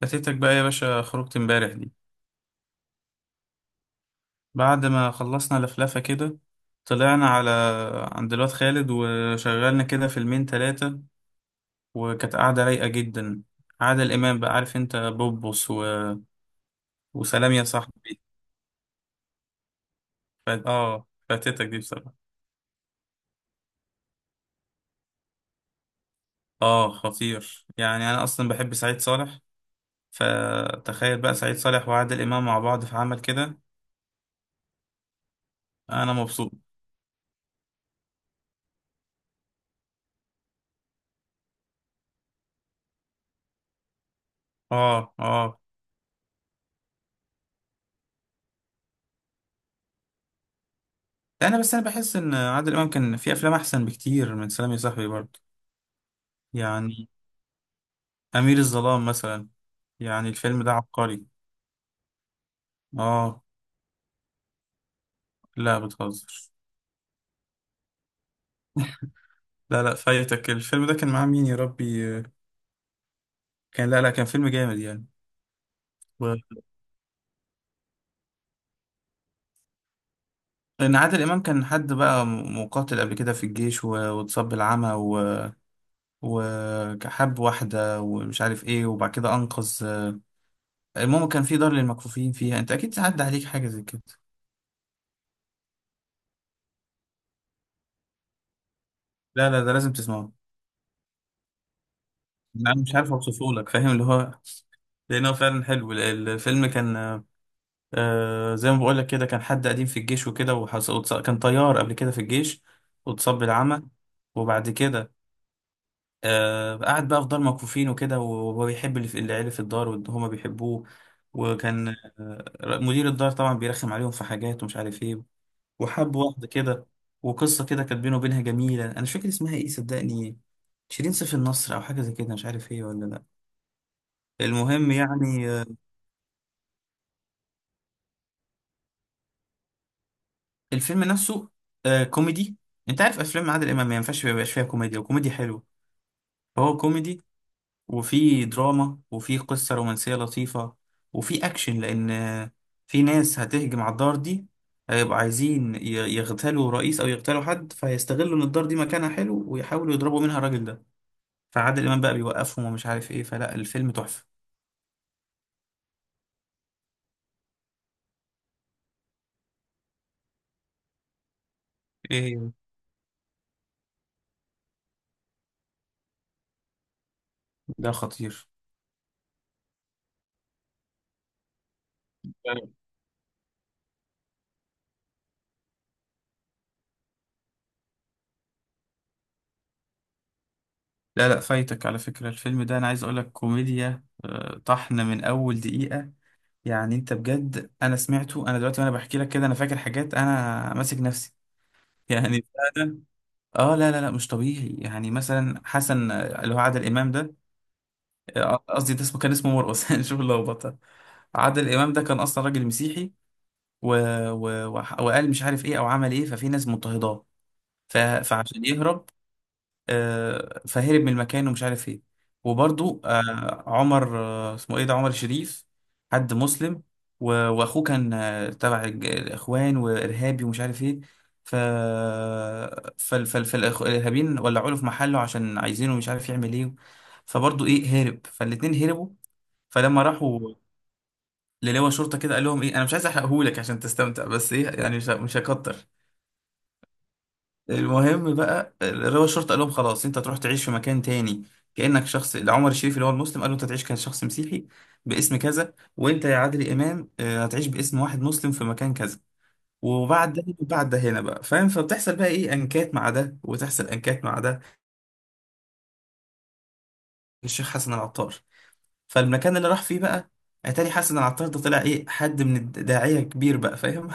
فاتتك بقى يا باشا خروجة امبارح دي. بعد ما خلصنا لفلفة كده، طلعنا على عند الواد خالد وشغلنا كده فيلمين تلاتة. وكانت قعدة رايقة جدا. عادل الإمام بقى، عارف انت، بوبوس و... وسلام يا صاحبي. ف... اه فاتتك دي بصراحة. اه خطير، يعني أنا أصلا بحب سعيد صالح. فتخيل بقى سعيد صالح وعادل إمام مع بعض في عمل كده. أنا مبسوط. اه اه. أنا بس، أنا بحس إن عادل إمام كان في أفلام أحسن بكتير من سلام يا صاحبي برضه. يعني أمير الظلام مثلا، يعني الفيلم ده عبقري. آه. لا، بتهزر. لا لا، فايتك الفيلم ده. كان معاه مين يا ربي؟ لا لا، كان فيلم جامد يعني. و- لأن عادل إمام كان حد بقى مقاتل قبل كده في الجيش، واتصاب بالعمى، وحب واحدة ومش عارف إيه، وبعد كده أنقذ. المهم، كان في دار للمكفوفين فيها. أنت أكيد عدى عليك حاجة زي كده. لا لا، ده لازم تسمعه. أنا مش عارف أوصفه لك، فاهم اللي هو، لأن هو فعلا حلو الفيلم كان. آه، زي ما بقول لك كده، كان حد قديم في الجيش وكده، كان طيار قبل كده في الجيش، واتصاب بالعمى. وبعد كده، آه قعد بقى في دار مكفوفين وكده، وهو بيحب اللي العيلة في الدار، وهما بيحبوه. وكان آه مدير الدار طبعا بيرخم عليهم في حاجات ومش عارف ايه. وحب واحدة كده. وقصة كده كانت بينه وبينها جميلة. أنا مش فاكر اسمها ايه صدقني، شيرين سيف النصر أو حاجة زي كده، مش عارف ايه ولا لأ. المهم يعني، الفيلم نفسه آه كوميدي. انت عارف افلام عادل امام ما ينفعش ما يبقاش فيها كوميديا، وكوميدي حلو. فهو كوميدي، وفي دراما، وفي قصة رومانسية لطيفة، وفي اكشن، لان في ناس هتهجم على الدار دي. هيبقوا عايزين يغتالوا رئيس او يغتالوا حد، فهيستغلوا ان الدار دي مكانها حلو ويحاولوا يضربوا منها الراجل ده. فعادل امام بقى بيوقفهم ومش عارف ايه، فلا، الفيلم تحفة. ايه ده خطير. لا لا، فايتك على فكرة. الفيلم ده انا عايز اقولك، كوميديا طحن من اول دقيقة. يعني انت بجد، انا سمعته انا دلوقتي وانا بحكي لك كده، انا فاكر حاجات انا ماسك نفسي. يعني، فعلا. اه لا لا لا، مش طبيعي. يعني مثلا حسن اللي هو عادل امام ده، قصدي ده كان اسمه مرقص. شوف اللخبطه. عادل امام ده كان اصلا راجل مسيحي، و... وقال مش عارف ايه او عمل ايه، ففي ناس مضطهداه. فعشان يهرب، فهرب من المكان ومش عارف ايه. وبرضو عمر اسمه ايه ده، عمر شريف، حد مسلم. واخوه كان تبع الاخوان وارهابي ومش عارف ايه. ف فال فال فالارهابيين ولعوا له في محله عشان عايزينه، مش عارف يعمل ايه. فبرضو ايه هرب، فالاتنين هربوا. فلما راحوا للواء شرطه كده قال لهم ايه، انا مش عايز احرقهولك عشان تستمتع، بس ايه يعني مش هكتر. المهم بقى، رضا الشرطة قال لهم خلاص، انت تروح تعيش في مكان تاني، كأنك شخص. عمر الشريف اللي هو المسلم قال له انت تعيش كشخص مسيحي باسم كذا، وانت يا عادل امام هتعيش باسم واحد مسلم في مكان كذا. وبعد ده هنا بقى فاهم، فبتحصل بقى ايه انكات مع ده وتحصل انكات مع ده. الشيخ حسن العطار. فالمكان اللي راح فيه بقى، اتاري حسن العطار ده طلع ايه، حد من الداعية كبير بقى فاهم.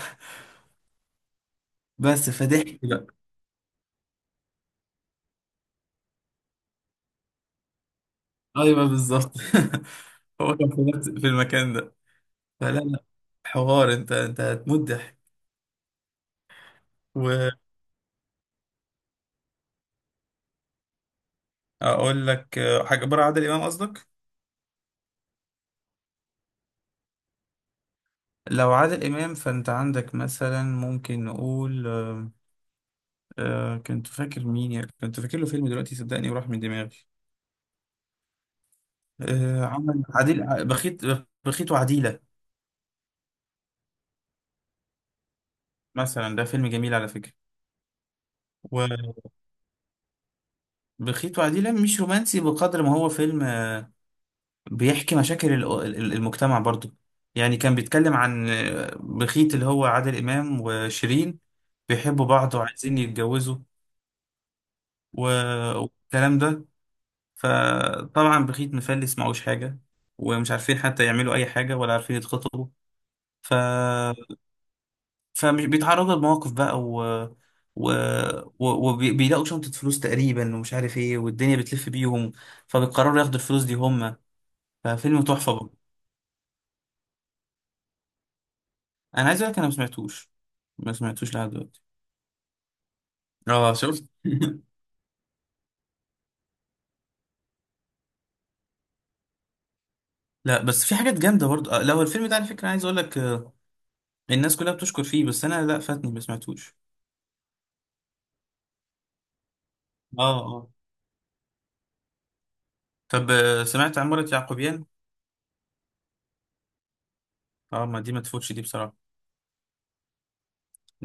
بس فضحك بقى. ايوه بالظبط. هو كان في المكان ده. فلا لا، حوار. انت هتموت ضحك. واقول لك حاجه بره عادل امام قصدك؟ لو عادل امام فانت عندك مثلا، ممكن نقول كنت فاكر مين، كنت فاكر له فيلم دلوقتي صدقني وراح من دماغي. عمل عديل بخيت، بخيت وعديله مثلا. ده فيلم جميل على فكره. وبخيت وعديله مش رومانسي بقدر ما هو فيلم بيحكي مشاكل المجتمع برضو. يعني كان بيتكلم عن بخيت اللي هو عادل إمام وشيرين، بيحبوا بعض وعايزين يتجوزوا، و- والكلام ده. فطبعا بخيت مفلس معهوش حاجة، ومش عارفين حتى يعملوا أي حاجة، ولا عارفين يتخطبوا. ف فمش بيتعرضوا لمواقف بقى، و... وبيلاقوا شنطة فلوس تقريبا ومش عارف ايه، والدنيا بتلف بيهم، فبيقرروا ياخدوا الفلوس دي هم. ففيلم تحفة. انا عايز اقول لك، انا ما سمعتوش. ما سمعتوش لحد دلوقتي. اه شفت. لا بس في حاجات جامده برضه لو الفيلم ده على فكره عايز اقول لك الناس كلها بتشكر فيه. بس انا لا، فاتني ما سمعتوش. اه اه. طب سمعت عمارة يعقوبيان؟ اه، ما دي ما تفوتش دي بصراحه.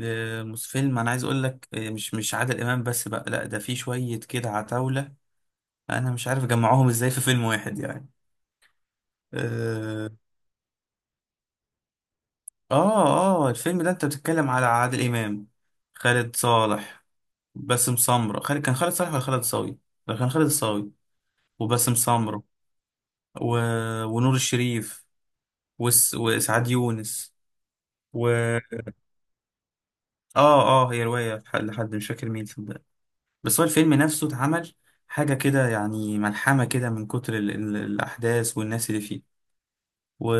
فيلم انا عايز اقول لك مش عادل امام بس بقى، لا، ده في شويه كده عتاوله. انا مش عارف اجمعهم ازاي في فيلم واحد يعني. اه اه. الفيلم ده انت بتتكلم على عادل امام، خالد صالح، باسم سمرة. خالد كان خالد صالح ولا خالد صاوي؟ لا، كان خالد الصاوي وباسم سمرة و... ونور الشريف وسعاد يونس. و اه اه، هي رواية لحد مش فاكر مين صدق. بس هو الفيلم نفسه اتعمل حاجة كده، يعني ملحمة كده من كتر الأحداث والناس اللي فيه، و...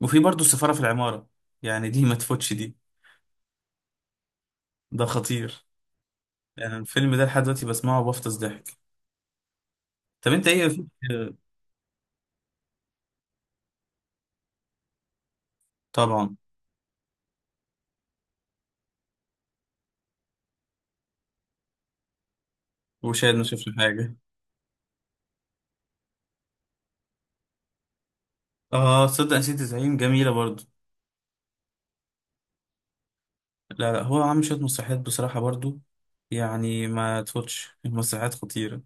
وفي برضه السفارة في العمارة. يعني دي ما تفوتش دي. ده خطير. يعني الفيلم ده لحد دلوقتي بسمعه وبفطس ضحك. طب انت ايه طبعا، وشاهد ما شافش حاجة. اه تصدق نسيت زعيم جميلة برضو. لا لا، هو عامل شوية مسرحيات بصراحة برضو. يعني ما تفوتش، المسرحيات خطيرة.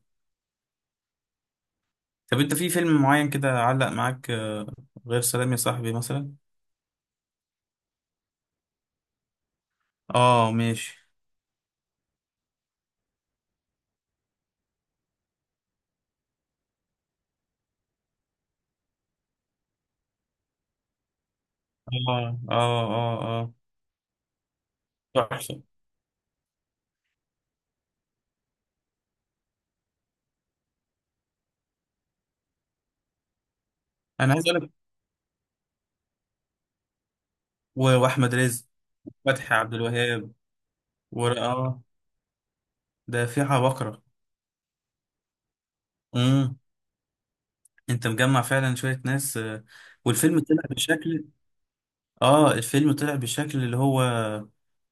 طب انت في فيلم معين كده علق معاك غير سلام يا صاحبي مثلا؟ اه ماشي. اه اه اه. اه تحفة. انا عايز اقول لك، واحمد رزق، فتحي عبد الوهاب، و اه ده في عبقرة. امم. انت مجمع فعلا شوية ناس والفيلم طلع بشكل. اه الفيلم طلع بشكل اللي هو،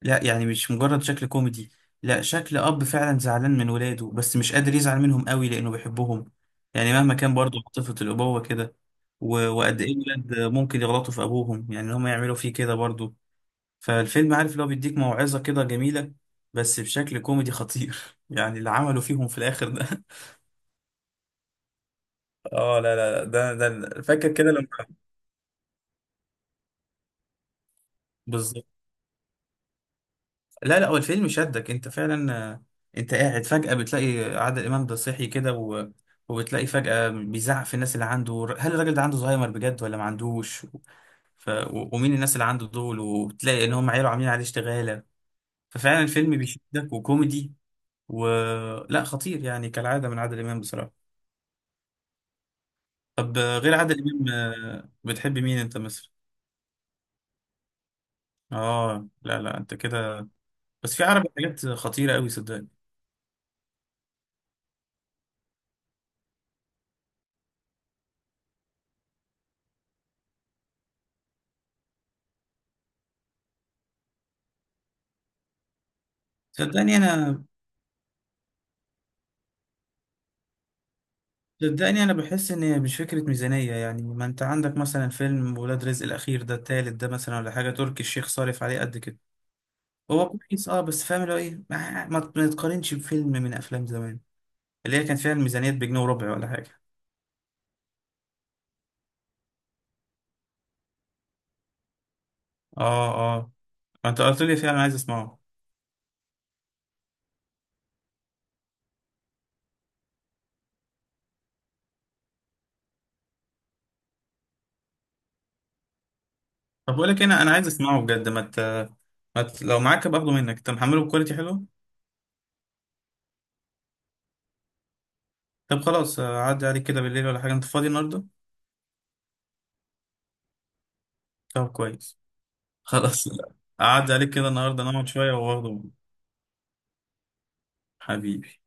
لا يعني مش مجرد شكل كوميدي، لا شكل اب فعلا زعلان من ولاده بس مش قادر يزعل منهم قوي لانه بيحبهم. يعني مهما كان برضه عاطفة الابوة كده، وقد ايه الولاد ممكن يغلطوا في ابوهم، يعني ان هم يعملوا فيه كده برضه. فالفيلم عارف اللي هو بيديك موعظة كده جميلة، بس بشكل كوميدي خطير. يعني اللي عملوا فيهم في الاخر ده. اه لا لا لا، ده فاكر كده لما. بالظبط. لا لا، هو الفيلم شدك انت فعلا انت قاعد فجأة بتلاقي عادل امام ده صحي كده وبتلاقي فجأة بيزعق في الناس اللي عنده. هل الراجل ده عنده زهايمر بجد ولا ما عندوش؟ ومين الناس اللي عنده دول، وبتلاقي ان هم عيله عاملين عليه اشتغالة. ففعلا الفيلم بيشدك وكوميدي. و لا، خطير يعني كالعادة من عادل امام بصراحة. طب غير عادل امام، بتحب مين انت مثلا؟ اه لا لا، انت كده. بس في عربي حاجات خطيرة قوي صدقني. صدقني انا، صدقني انا بحس ان هي مش فكره ميزانيه. يعني ما انت عندك مثلا فيلم ولاد رزق الاخير ده، التالت ده مثلا، ولا حاجه تركي الشيخ صارف عليه قد كده. هو كويس اه، بس فاهم اللي هو ايه، ما تقارنش بفيلم من افلام زمان، اللي هي كان فيها الميزانيات بجنيه وربع ولا حاجه. اه اه، ما انت قلت لي فعلا عايز اسمعه. طب بقول لك إيه، انا عايز اسمعه بجد. ما ت... ما ت... لو معاك باخده منك، انت محمله بكواليتي حلو. طب خلاص عدي عليك كده بالليل ولا حاجه، انت فاضي النهارده؟ طب كويس. خلاص. عدي عليك كده النهارده نقعد شويه واخده. حبيبي.